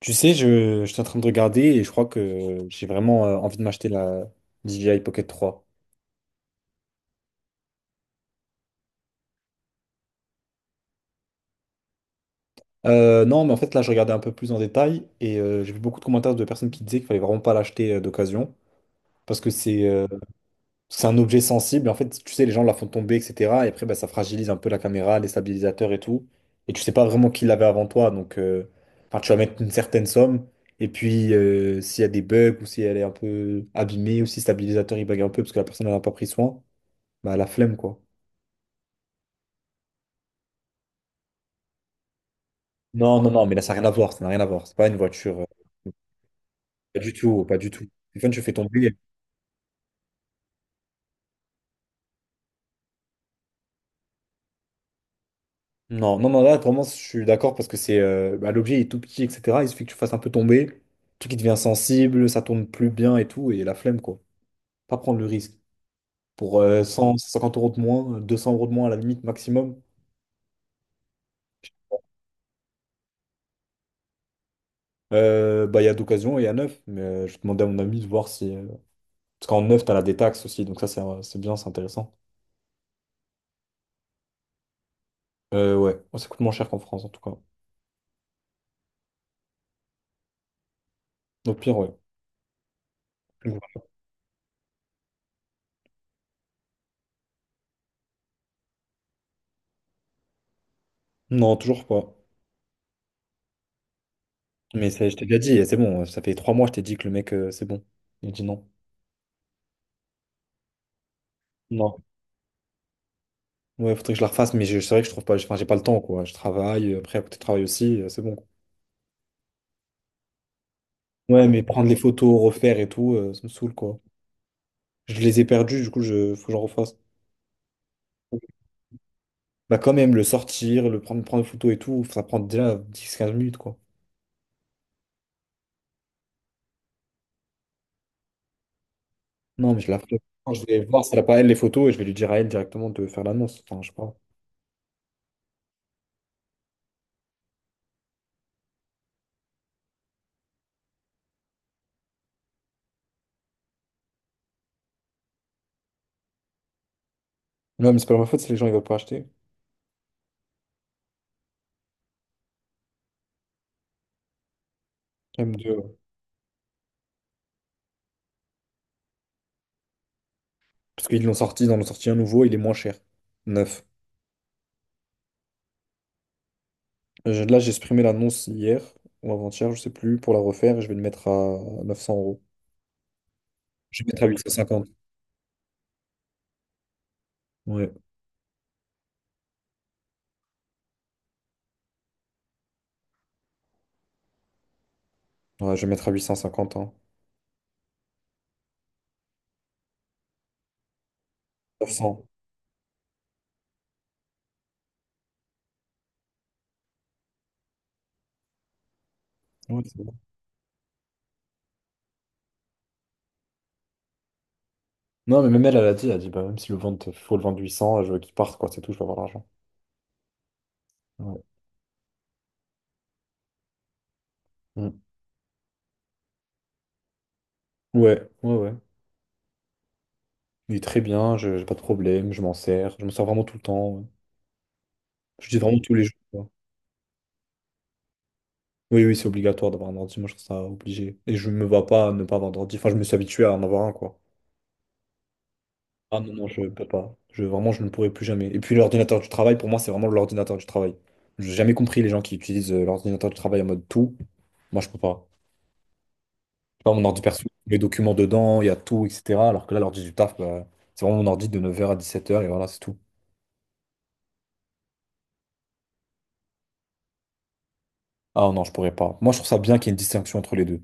Tu sais, je suis en train de regarder et je crois que j'ai vraiment envie de m'acheter la DJI Pocket 3. Non, mais en fait, là, je regardais un peu plus en détail et j'ai vu beaucoup de commentaires de personnes qui disaient qu'il fallait vraiment pas l'acheter d'occasion parce que c'est un objet sensible. En fait, tu sais, les gens la font tomber, etc. Et après, bah, ça fragilise un peu la caméra, les stabilisateurs et tout. Et tu sais pas vraiment qui l'avait avant toi. Donc, enfin, tu vas mettre une certaine somme. Et puis, s'il y a des bugs ou si elle est un peu abîmée ou si le stabilisateur il bug un peu parce que la personne n'en a pas pris soin, bah, la flemme, quoi. Non, non, non, mais là, ça n'a rien à voir. Ça n'a rien à voir. C'est pas une voiture. Pas du tout, pas du tout. Stéphane, tu fais tomber. Non, non, non, là, vraiment, je suis d'accord parce que c'est bah, l'objet est tout petit, etc. Il suffit que tu fasses un peu tomber. Le truc, il devient sensible, ça tourne plus bien et tout. Et la flemme, quoi. Pas prendre le risque. Pour 100, 150 euros de moins, 200 euros de moins à la limite maximum. Bah, il y a d'occasion et il y a neuf. Mais je demandais à mon ami de voir si. Parce qu'en neuf, t'as la détaxe aussi. Donc ça, c'est bien, c'est intéressant. Ouais, ça coûte moins cher qu'en France, en tout cas. Au pire, ouais. Donc, voilà. Non, toujours pas. Mais ça, je t'ai déjà dit, et c'est bon, ça fait 3 mois, je t'ai dit que le mec, c'est bon. Il dit non. Non. Ouais, faudrait que je la refasse, mais c'est vrai que je trouve pas, enfin, j'ai pas le temps, quoi. Je travaille, après, à côté de travail aussi, c'est bon, quoi. Ouais, mais prendre les photos, refaire et tout, ça me saoule, quoi. Je les ai perdues, du coup, faut que j'en refasse. Bah, quand même, le sortir, le prendre, prendre les photos et tout, ça prend déjà 10 15 minutes, quoi. Non, mais je la ferai. Quand je vais voir si elle a pas, elle, les photos, et je vais lui dire à elle directement de faire l'annonce. Enfin, je sais pas. Non, mais c'est pas ma faute si les gens, ils veulent pas acheter. Même de- Parce qu'ils l'ont sorti, ils en ont sorti un nouveau, il est moins cher. Neuf. Là, j'ai supprimé l'annonce hier ou avant-hier, je sais plus, pour la refaire et je vais le mettre à 900 euros. Je vais mettre à 850. Ouais. Ouais, je vais mettre à 850, hein. 900. Ouais, c'est bon. Non, mais même elle, elle a dit, bah, même si le vente, faut le vendre 800, je veux qu'il parte, quoi, c'est tout, je vais avoir l'argent. Ouais. Mm. Ouais, ouais, ouais. Il est très bien, je j'ai pas de problème, je m'en sers vraiment tout le temps, ouais. Je dis vraiment tous les jours, quoi. Oui, oui, c'est obligatoire d'avoir un ordi, moi je trouve ça obligé. Et je me vois pas ne pas avoir d'ordi. Enfin, je me suis habitué à en avoir un, quoi. Ah non, non, je peux pas. Vraiment, je ne pourrai plus jamais. Et puis l'ordinateur du travail, pour moi, c'est vraiment l'ordinateur du travail. J'ai jamais compris les gens qui utilisent l'ordinateur du travail en mode tout. Moi, je peux pas. Je sais pas mon ordi perso, les documents dedans, il y a tout, etc. Alors que là, l'ordi du taf, bah, c'est vraiment mon ordi de 9 h à 17 h et voilà, c'est tout. Ah non, je pourrais pas. Moi, je trouve ça bien qu'il y ait une distinction entre les deux.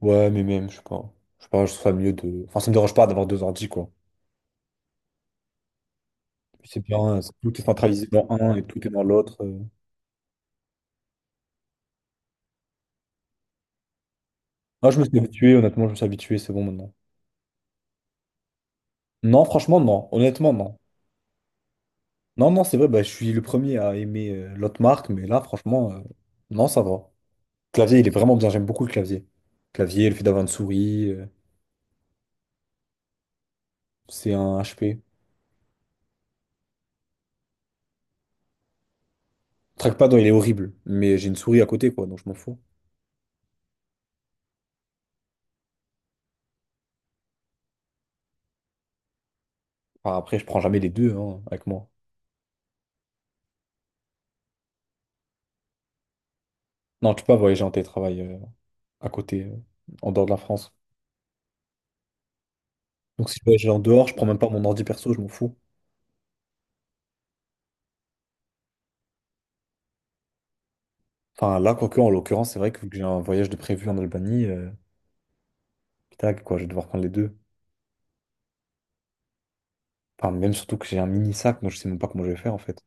Ouais, mais même, je sais pas. Je sais pas, je trouve ça mieux de. Enfin, ça me dérange pas d'avoir deux ordis, quoi. Puis c'est bien, hein, tout est centralisé dans un et tout est dans l'autre. Ah, je me suis habitué, honnêtement, je me suis habitué, c'est bon maintenant. Non, franchement, non. Honnêtement, non. Non, non, c'est vrai, bah, je suis le premier à aimer l'autre marque, mais là, franchement, non, ça va. Clavier, il est vraiment bien. J'aime beaucoup le clavier. Clavier, le fait d'avoir une souris, c'est un HP. Trackpad, non, il est horrible, mais j'ai une souris à côté, quoi, donc je m'en fous. Enfin, après, je prends jamais les deux hein, avec moi. Non, tu peux pas voyager en télétravail à côté, en dehors de la France. Donc, si je voyage en dehors, je prends même pas mon ordi perso, je m'en fous. Enfin, là, quoique, en l'occurrence, c'est vrai que vu que j'ai un voyage de prévu en Albanie, tac, quoi, je vais devoir prendre les deux. Enfin, même surtout que j'ai un mini sac, donc je sais même pas comment je vais faire en fait.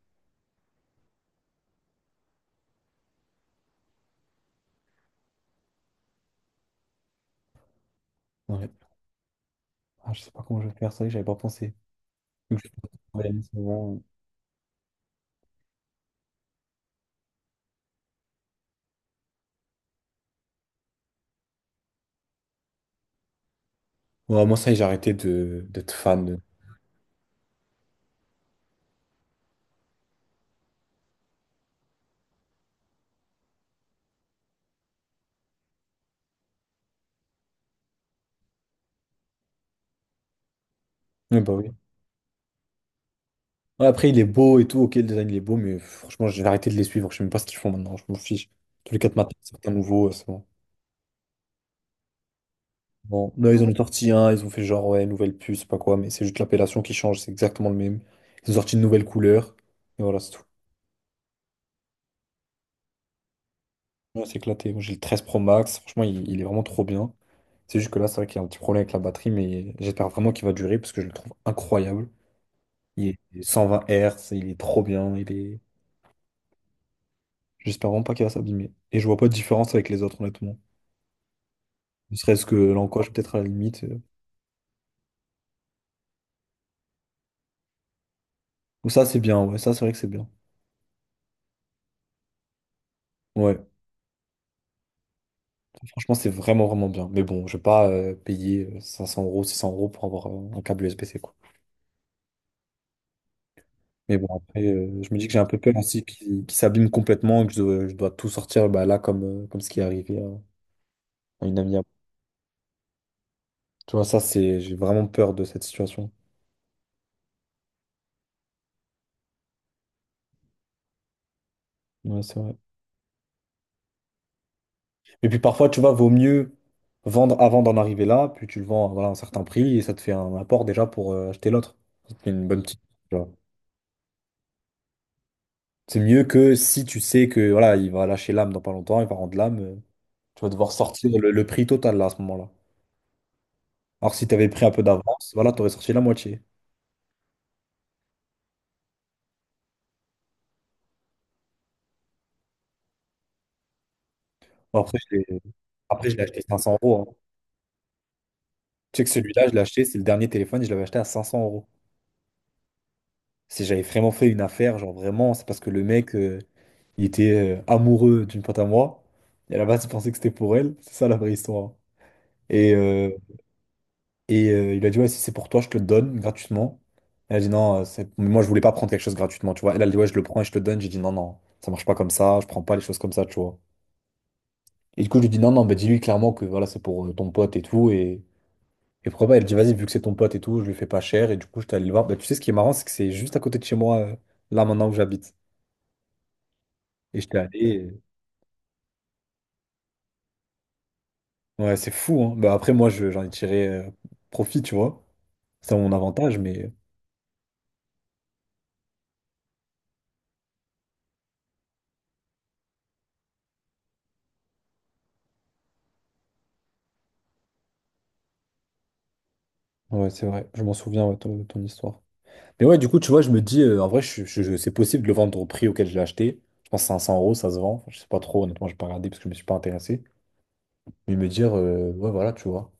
Ouais. Ah, je sais pas comment je vais faire, ça y est, j'avais pas pensé. Donc, je pense que je vais travailler en ce moment. Ouais, moi, ça y est, j'ai arrêté de d'être fan. Ouais, bah oui. Ouais, après, il est beau et tout, ok, le design il est beau, mais franchement, j'ai arrêté de les suivre, je sais même pas ce qu'ils font maintenant, je m'en fiche. Tous les quatre matins, c'est un nouveau, c'est bon. Bon, là, ils en ont sorti un, ils ont fait genre, ouais, nouvelle puce, je sais pas quoi, mais c'est juste l'appellation qui change, c'est exactement le même. Ils ont sorti une nouvelle couleur, et voilà, c'est tout. Ouais, c'est éclaté. Moi, j'ai le 13 Pro Max. Franchement, il est vraiment trop bien. C'est juste que là, c'est vrai qu'il y a un petit problème avec la batterie, mais j'espère vraiment qu'il va durer parce que je le trouve incroyable. Il est cent vingt 120 Hz, il est trop bien. Il est... J'espère vraiment pas qu'il va s'abîmer. Et je vois pas de différence avec les autres, honnêtement. Ne serait-ce que l'encoche, peut-être à la limite. Ou ça, c'est bien. Ouais, ça, c'est vrai que c'est bien. Ouais, franchement, c'est vraiment, vraiment bien. Mais bon, je vais pas payer 500 euros, 600 euros pour avoir un câble USB-C, quoi. Mais bon, après, je me dis que j'ai un peu peur aussi qu'il s'abîme complètement et que je dois tout sortir bah, là, comme ce qui est arrivé à une amie. À moi. Tu vois, ça, c'est, j'ai vraiment peur de cette situation. Ouais, c'est vrai. Et puis parfois, tu vois, vaut mieux vendre avant d'en arriver là, puis tu le vends voilà, à voilà, un certain prix et ça te fait un apport déjà pour acheter l'autre. Ça te fait une bonne petite. Tu vois. C'est mieux que si tu sais que voilà, il va lâcher l'âme dans pas longtemps, il va rendre l'âme. Tu vas devoir sortir le prix total là, à ce moment-là. Alors, si tu avais pris un peu d'avance, voilà, tu aurais sorti la moitié. Bon, Après, Après, je l'ai acheté 500 euros, hein. Tu sais que celui-là, je l'ai acheté, c'est le dernier téléphone, je l'avais acheté à 500 euros. Si j'avais vraiment fait une affaire, genre vraiment, c'est parce que le mec, il était amoureux d'une pote à moi. Et à la base, il pensait que c'était pour elle. C'est ça la vraie histoire. Hein. Et, euh, et il a dit, ouais, si c'est pour toi, je te le donne gratuitement. Elle a dit, non, c'est- mais moi, je voulais pas prendre quelque chose gratuitement, tu vois. Elle a dit, ouais, je le prends et je te le donne. J'ai dit, non, non, ça marche pas comme ça, je prends pas les choses comme ça, tu vois. Et du coup, je lui dis, non, non, bah, dis-lui clairement que voilà, c'est pour ton pote et tout. Et pourquoi pas, elle dit, vas-y, vu que c'est ton pote et tout, je lui fais pas cher. Et du coup, je allé le voir. Bah, tu sais, ce qui est marrant, c'est que c'est juste à côté de chez moi, là, maintenant où j'habite. Et j'étais allé. Ouais, c'est fou, hein. Bah, après, moi, j'en ai tiré profit, tu vois. C'est mon avantage, mais ouais, c'est vrai. Je m'en souviens, ouais, ton histoire. Mais ouais, du coup, tu vois, je me dis, en vrai, c'est possible de le vendre au prix auquel je l'ai acheté. Je pense que 500 euros, ça se vend. Enfin, je sais pas trop, honnêtement, j'ai pas regardé parce que je me suis pas intéressé. Mais me dire, ouais, voilà, tu vois.